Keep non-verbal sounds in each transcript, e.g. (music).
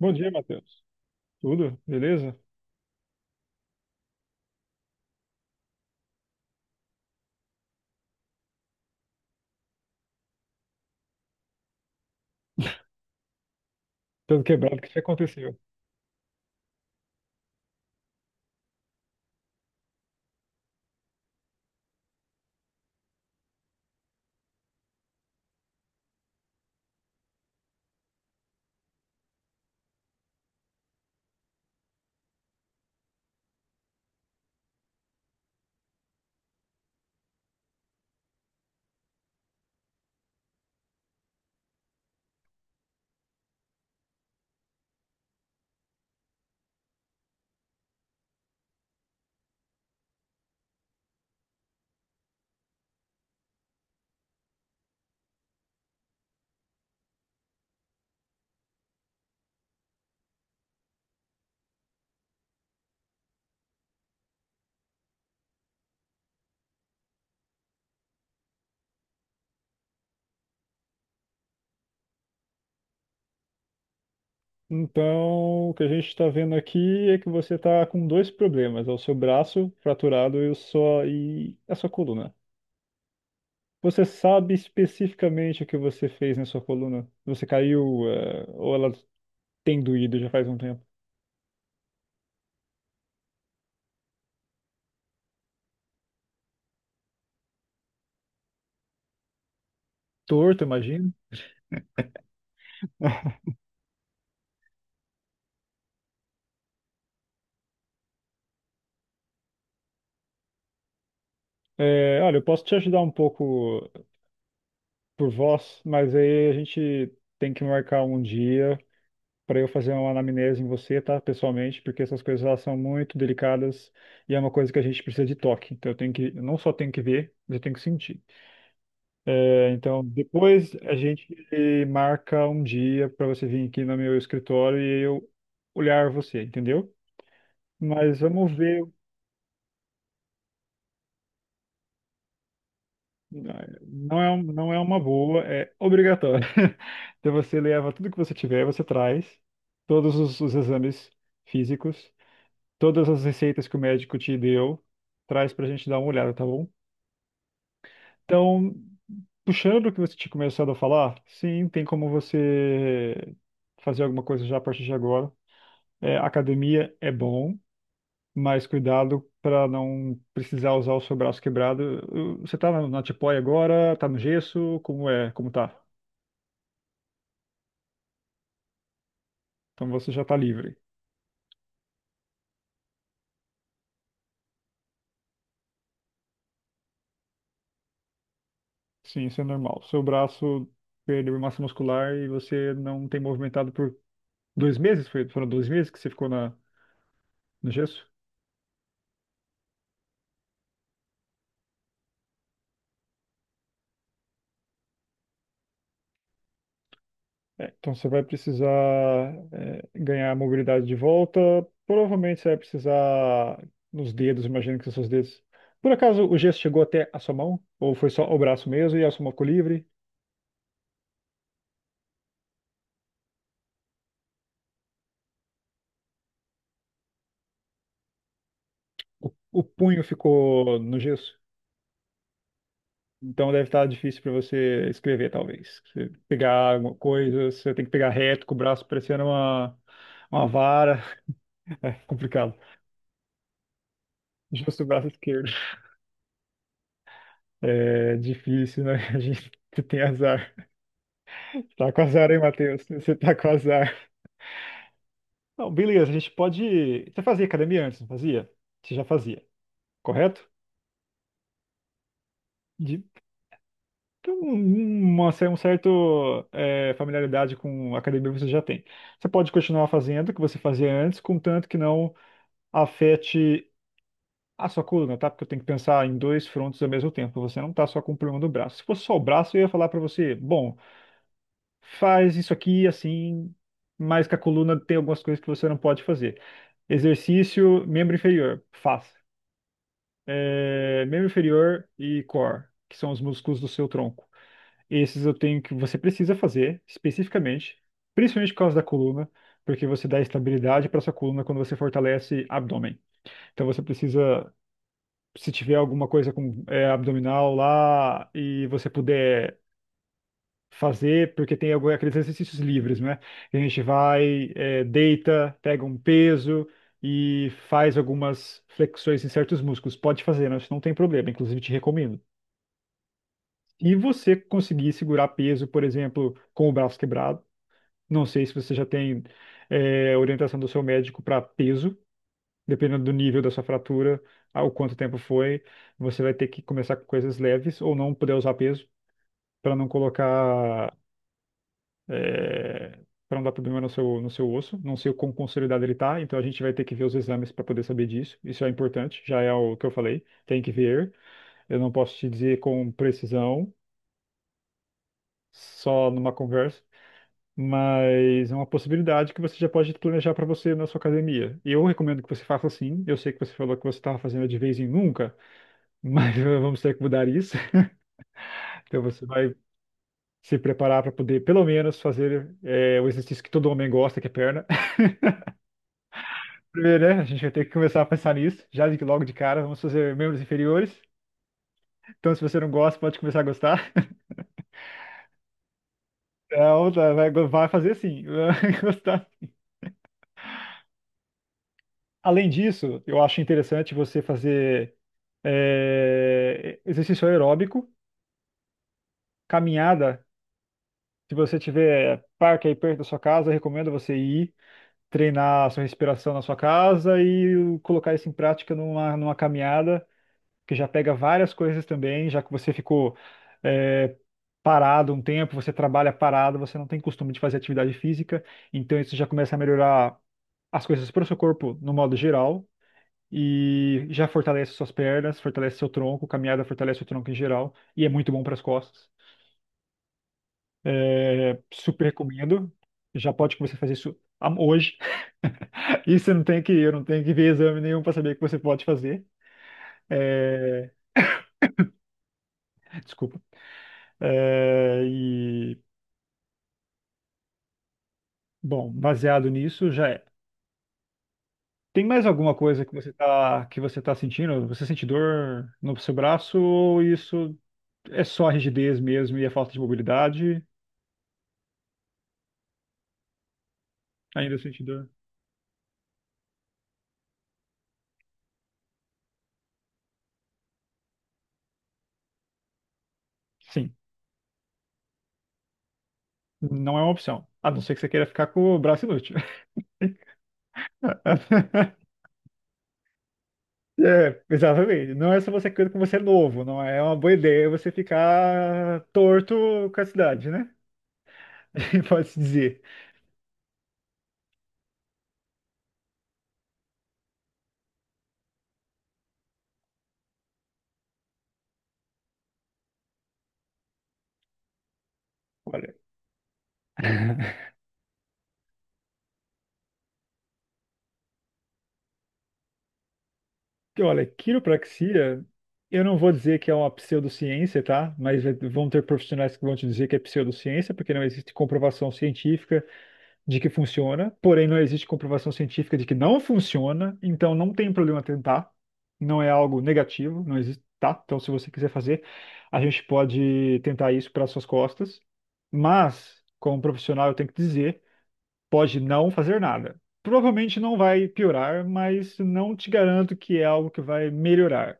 Bom dia, Matheus. Tudo? Beleza? Tudo quebrado, o que que aconteceu? Então, o que a gente está vendo aqui é que você está com dois problemas, é o seu braço fraturado e, a sua coluna. Você sabe especificamente o que você fez na sua coluna? Você caiu, ou ela tem doído já faz um tempo? Torto, imagino. É, olha, eu posso te ajudar um pouco por voz, mas aí a gente tem que marcar um dia para eu fazer uma anamnese em você, tá? Pessoalmente, porque essas coisas elas são muito delicadas e é uma coisa que a gente precisa de toque. Então eu não só tenho que ver, mas eu tenho que sentir. É, então depois a gente marca um dia para você vir aqui no meu escritório e eu olhar você, entendeu? Mas vamos ver, não é uma boa, é obrigatório. (laughs) Então você leva tudo que você tiver, você traz todos os exames físicos todas as receitas que o médico te deu, traz para a gente dar uma olhada, tá bom? Então, puxando o que você tinha começado a falar, sim, tem como você fazer alguma coisa já a partir de agora. É, academia é bom, mas cuidado para não precisar usar o seu braço quebrado. Você tá na tipoia agora, tá no gesso, como tá? Então você já tá livre. Sim, isso é normal. Seu braço perdeu massa muscular e você não tem movimentado por 2 meses? Foram 2 meses que você ficou na no gesso? É, então você vai precisar ganhar a mobilidade de volta. Provavelmente você vai precisar nos dedos, imagino que são seus dedos. Por acaso o gesso chegou até a sua mão? Ou foi só o braço mesmo e a sua mão ficou livre? O punho ficou no gesso? Então deve estar difícil para você escrever, talvez. Você pegar alguma coisa, você tem que pegar reto com o braço parecendo uma vara. (laughs) É complicado. Justo o braço esquerdo. É difícil, né? (laughs) A gente tem azar. Tá com azar, hein, Matheus? (laughs) Você tá com azar. Não, beleza, a gente pode. Você fazia academia antes, não fazia? Você já fazia, correto? De... Então, um certo familiaridade com a academia você já tem. Você pode continuar fazendo o que você fazia antes, contanto que não afete a sua coluna, tá? Porque eu tenho que pensar em dois frontes ao mesmo tempo. Você não tá só com o problema do braço. Se fosse só o braço, eu ia falar pra você, bom, faz isso aqui assim, mas que a coluna tem algumas coisas que você não pode fazer. Exercício, membro inferior, faça. É, membro inferior e core, que são os músculos do seu tronco. Esses eu tenho que você precisa fazer especificamente, principalmente por causa da coluna, porque você dá estabilidade para sua coluna quando você fortalece abdômen. Então você precisa, se tiver alguma coisa com abdominal lá e você puder fazer, porque tem aqueles exercícios livres, né? A gente vai, deita, pega um peso e faz algumas flexões em certos músculos. Pode fazer, né? Isso não tem problema, inclusive te recomendo. E você conseguir segurar peso, por exemplo, com o braço quebrado, não sei se você já tem, orientação do seu médico para peso, dependendo do nível da sua fratura, ao quanto tempo foi, você vai ter que começar com coisas leves ou não poder usar peso. Para não colocar é, para não dar problema no seu osso. Não sei o quão consolidado ele está, então a gente vai ter que ver os exames para poder saber disso. Isso é importante, já é o que eu falei, tem que ver. Eu não posso te dizer com precisão, só numa conversa, mas é uma possibilidade que você já pode planejar para você na sua academia. E eu recomendo que você faça assim. Eu sei que você falou que você estava fazendo de vez em nunca, mas (laughs) vamos ter que mudar isso. (laughs) Então você vai se preparar para poder, pelo menos, fazer o exercício que todo homem gosta, que é perna. Primeiro, né? A gente vai ter que começar a pensar nisso, logo de cara. Vamos fazer membros inferiores. Então, se você não gosta, pode começar a gostar. (laughs) Então, tá, vai, vai fazer sim. (laughs) Vai gostar. Além disso, eu acho interessante você fazer exercício aeróbico, caminhada. Se você tiver parque aí perto da sua casa, eu recomendo você ir treinar a sua respiração na sua casa e colocar isso em prática numa caminhada que já pega várias coisas também, já que você ficou é, parado um tempo, você trabalha parado, você não tem costume de fazer atividade física, então isso já começa a melhorar as coisas para o seu corpo no modo geral. E já fortalece suas pernas, fortalece seu tronco, caminhada fortalece o tronco em geral, e é muito bom para as costas. É, super recomendo. Já pode começar a fazer isso hoje. (laughs) E você não tem que, eu não tenho que ver exame nenhum para saber que você pode fazer. É, desculpa. É, bom, baseado nisso, já é. Tem mais alguma coisa que você tá sentindo? Você sente dor no seu braço ou isso é só a rigidez mesmo e a falta de mobilidade? Ainda sente dor? Sim, não é uma opção. A não ser que você queira ficar com o braço inútil. (laughs) É, exatamente. Não é só você querendo que você é novo, não é uma boa ideia você ficar torto com a cidade, né? (laughs) Pode-se dizer. Olha, quiropraxia, eu não vou dizer que é uma pseudociência, tá? Mas vão ter profissionais que vão te dizer que é pseudociência, porque não existe comprovação científica de que funciona, porém não existe comprovação científica de que não funciona, então não tem problema tentar, não é algo negativo, não existe, tá? Então se você quiser fazer, a gente pode tentar isso para suas costas, mas como profissional eu tenho que dizer pode não fazer nada. Provavelmente não vai piorar, mas não te garanto que é algo que vai melhorar.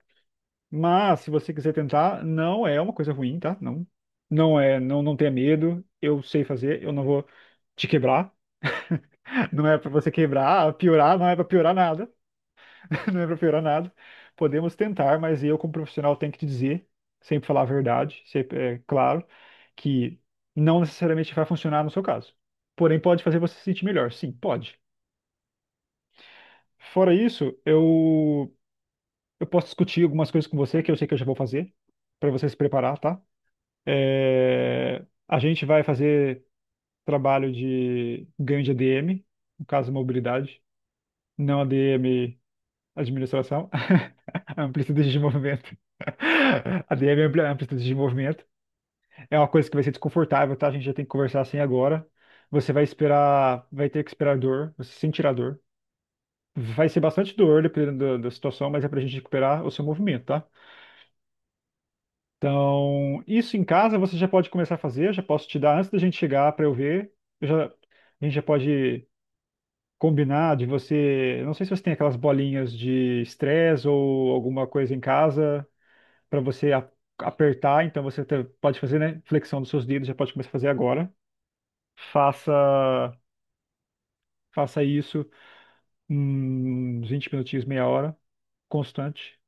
Mas se você quiser tentar, não é uma coisa ruim, tá? Não, não é, não, não tenha medo. Eu sei fazer, eu não vou te quebrar. (laughs) Não é para você quebrar, piorar, não é para piorar nada, (laughs) não é para piorar nada. Podemos tentar, mas eu como profissional tenho que te dizer, sempre falar a verdade, sempre, é claro, que não necessariamente vai funcionar no seu caso. Porém, pode fazer você se sentir melhor. Sim, pode. Fora isso, eu posso discutir algumas coisas com você que eu sei que eu já vou fazer, para você se preparar, tá? É, a gente vai fazer trabalho de ganho de ADM, no caso, mobilidade, não ADM administração, (laughs) amplitude de movimento. (laughs) ADM é amplitude de movimento. É uma coisa que vai ser desconfortável, tá? A gente já tem que conversar assim agora. Você vai esperar, vai ter que esperar dor, você sentirá dor. Vai ser bastante dor, dependendo da situação, mas é pra gente recuperar o seu movimento, tá? Então, isso em casa você já pode começar a fazer, eu já posso te dar antes da gente chegar pra eu ver. A gente já pode combinar de você. Eu não sei se você tem aquelas bolinhas de estresse ou alguma coisa em casa pra você apertar, então você até pode fazer, né? Flexão dos seus dedos, já pode começar a fazer agora. Faça, faça isso uns 20 minutinhos, meia hora, constante.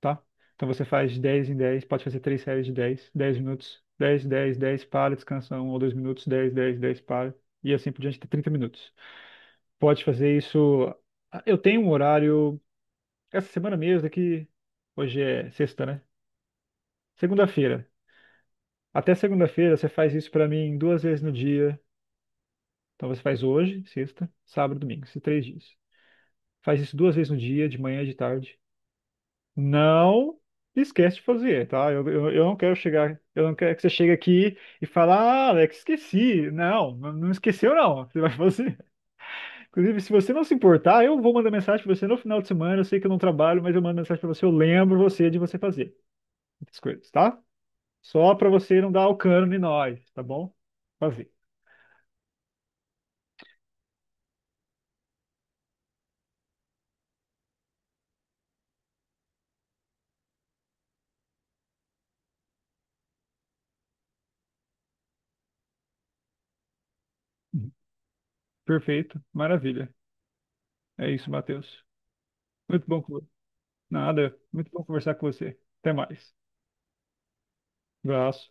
Tá? Então você faz 10 em 10 pode fazer três séries de 10 10 minutos, 10 10 10 para, descansa 1 ou 2 minutos, 10 10 10 para, e assim por diante, até 30 minutos. Pode fazer isso. Eu tenho um horário, essa semana mesmo, aqui, hoje é sexta, né? Segunda-feira. Até segunda-feira você faz isso pra mim duas vezes no dia. Então você faz hoje, sexta, sábado, domingo, esses 3 dias. Faz isso duas vezes no dia, de manhã e de tarde. Não esquece de fazer, tá? Eu não quero chegar, eu não quero que você chegue aqui e fale, ah, Alex, esqueci. Não, não esqueceu, não. (laughs) Você vai fazer. (laughs) Inclusive, se você não se importar, eu vou mandar mensagem para você no final de semana. Eu sei que eu não trabalho, mas eu mando mensagem para você, eu lembro você de você fazer essas coisas, tá? Só para você não dar o cano em nós, tá bom? Fazer. Uhum. Perfeito, maravilha. É isso, Matheus. Muito bom, nada, muito bom conversar com você. Até mais. Abraço.